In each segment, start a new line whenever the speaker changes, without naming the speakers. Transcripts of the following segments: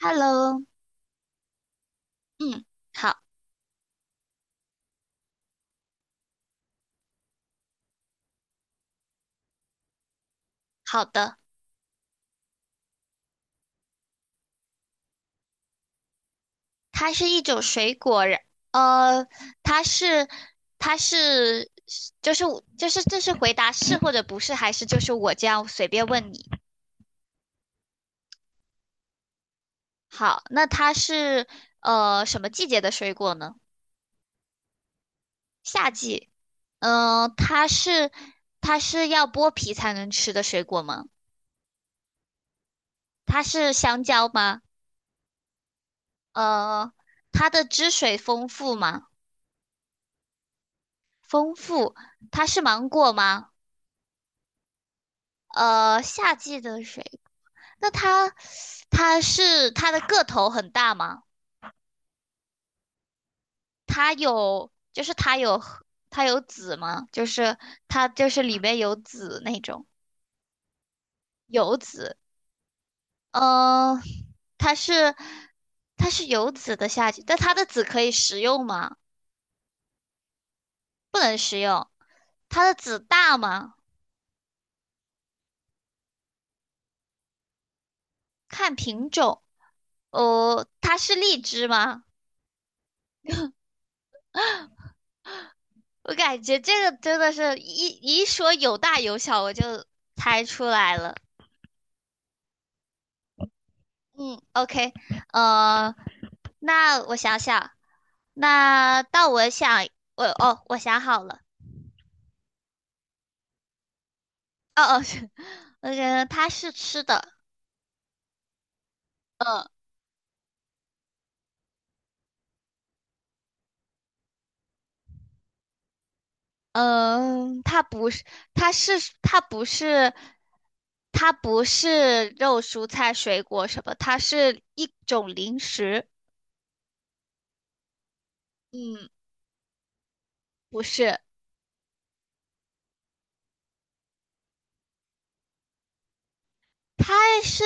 Hello，嗯，好好的，它是一种水果，呃，它是它是就是就是这是回答是或者不是，还是就是我这样随便问你？好，那它是什么季节的水果呢？夏季。嗯、它是它是要剥皮才能吃的水果吗？它是香蕉吗？呃，它的汁水丰富吗？丰富。它是芒果吗？夏季的水，那它它是它的个头很大吗？它有就是它有它有籽吗？就是它就是里面有籽那种。有籽。嗯、呃它是它是有籽的夏季，但它的籽可以食用吗？不能食用。它的籽大吗？看品种。哦，它是荔枝吗？我感觉这个真的是一说有大有小，我就猜出来了。嗯，OK,呃，那我想想，那到我想，我想好了。哦哦，是，它是吃的。嗯。嗯，它不是，它是它不是，它不是肉、蔬菜、水果什么，它是一种零食。嗯，不是。它是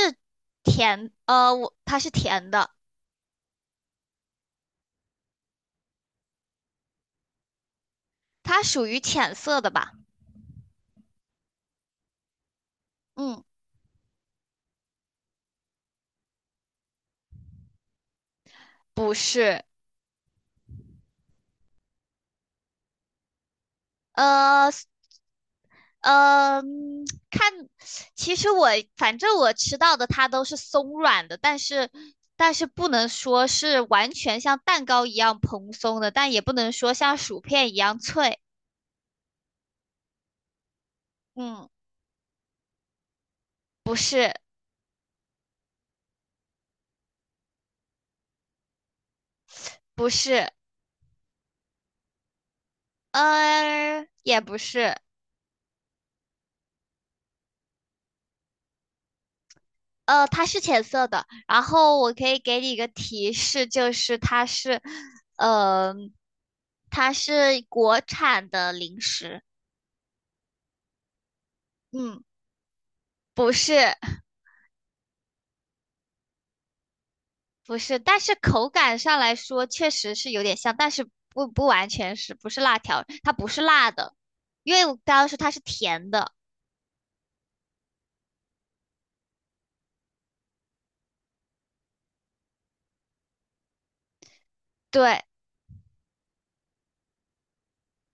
甜，它是甜的。它属于浅色的吧。嗯，不是。呃。嗯，看，其实我反正我吃到的它都是松软的，但是不能说是完全像蛋糕一样蓬松的，但也不能说像薯片一样脆。嗯，不是。不是。也不是。它是浅色的。然后我可以给你一个提示，就是它是，嗯，它是国产的零食。嗯，不是。不是，但是口感上来说确实是有点像，但是不完全是，不是辣条，它不是辣的，因为我刚刚说它是甜的。对。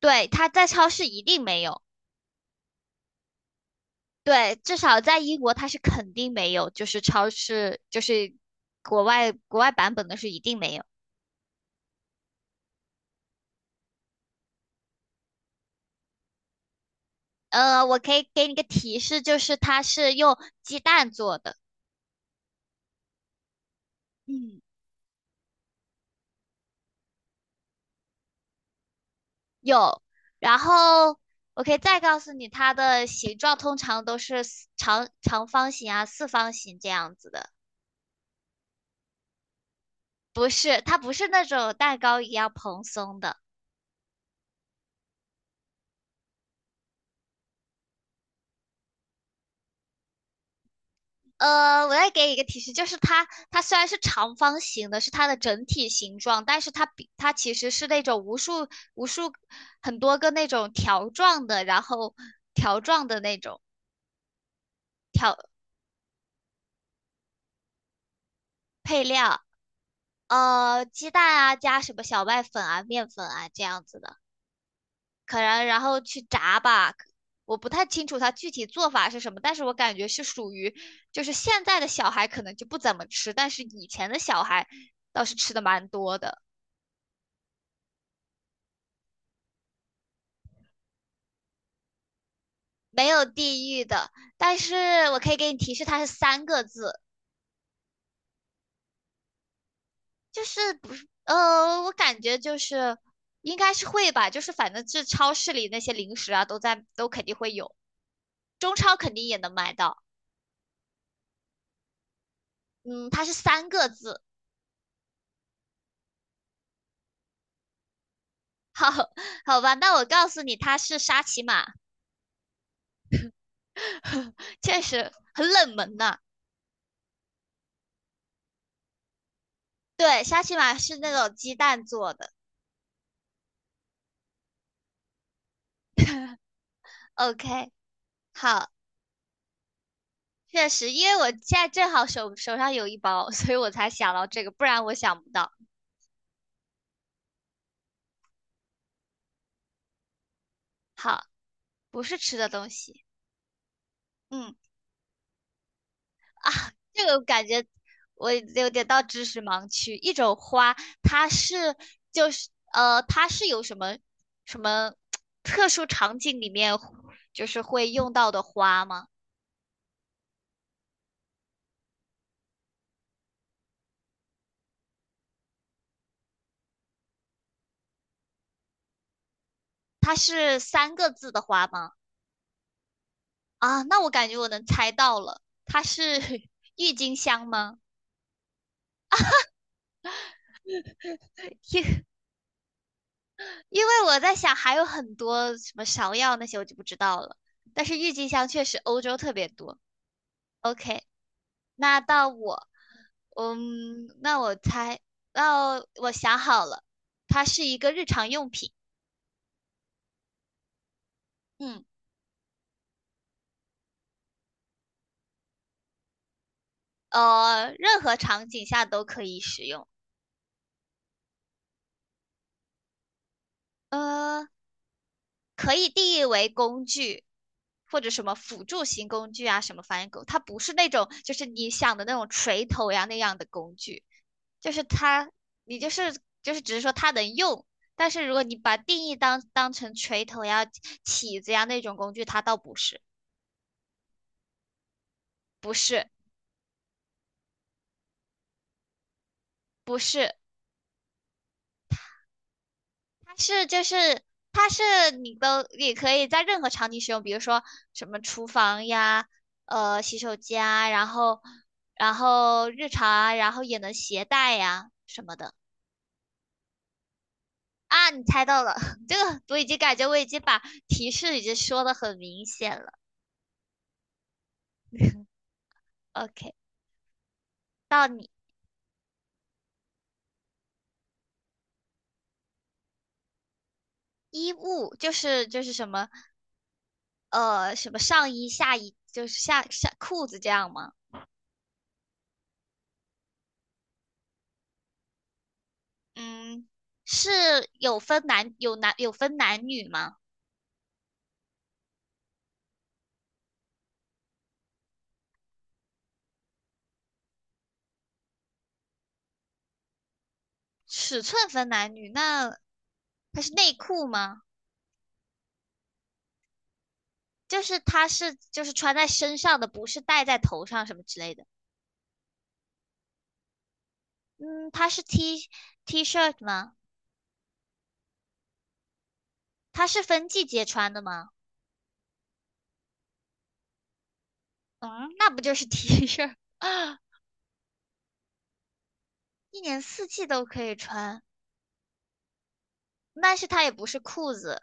对，它在超市一定没有。对，至少在英国它是肯定没有，就是超市就是国外版本的是一定没有。我可以给你个提示，就是它是用鸡蛋做的。嗯。有，然后我可以再告诉你，它的形状通常都是长长方形啊、四方形这样子的。不是，它不是那种蛋糕一样蓬松的。我再给你一个提示，就是它虽然是长方形的，是它的整体形状，但是它比它其实是那种无数很多个那种条状的，然后条状的那种配料。鸡蛋啊，加什么小麦粉啊、面粉啊这样子的。可能然后去炸吧。我不太清楚它具体做法是什么，但是我感觉是属于，就是现在的小孩可能就不怎么吃，但是以前的小孩倒是吃的蛮多的。没有地域的。但是我可以给你提示，它是三个字。就是不是呃，我感觉就是应该是会吧，就是反正这超市里那些零食啊，都肯定会有，中超肯定也能买到。嗯，它是三个字。好好吧，那我告诉你，它是沙琪玛。确实很冷门呐、对，沙琪玛是那种鸡蛋做的。OK,好。确实，因为我现在正好手上有一包，所以我才想到这个，不然我想不到。好，不是吃的东西。嗯，这个我感觉我有点到知识盲区。一种花，它是就是它是有什么什么特殊场景里面就是会用到的花吗？它是三个字的花吗？啊，那我感觉我能猜到了，它是 郁金香吗？因因为我在想还有很多什么芍药那些我就不知道了，但是郁金香确实欧洲特别多。OK,那到我。那我猜，那我想好了，它是一个日常用品。嗯。任何场景下都可以使用。呃，可以定义为工具，或者什么辅助型工具啊，什么翻译狗，它不是那种就是你想的那种锤头呀那样的工具，就是它，你就是就是只是说它能用，但是如果你把定义当成锤头呀、起子呀那种工具，它倒不是。不是。不是。是就是它是你都也可以在任何场景使用，比如说什么厨房呀，洗手间啊，然后日常啊，然后也能携带呀什么的。啊，你猜到了，这个我已经把提示已经说的很明显了。OK,到你。衣物就是什么上衣下衣就是下裤子这样吗？嗯，是有分男有男有分男女吗？尺寸分男女，那它是内裤吗？就是它是就是穿在身上的，不是戴在头上什么之类的。嗯，它是 T 恤吗？它是分季节穿的吗？嗯，那不就是 T 恤，一年四季都可以穿。但是它也不是裤子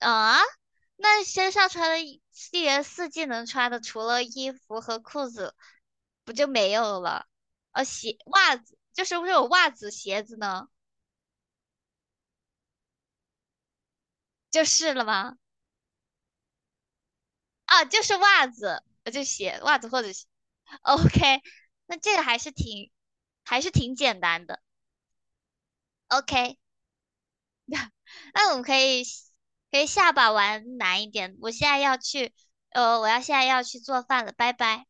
啊，那身上穿的一年四季能穿的，除了衣服和裤子，不就没有了？呃、鞋、袜子，就是不是有袜子、鞋子呢，就是了吗？啊，就是袜子，我就写袜子或者鞋。OK,那这个还是挺简单的。OK,那我们可以下把玩难一点。我现在要去，现在要去做饭了，拜拜。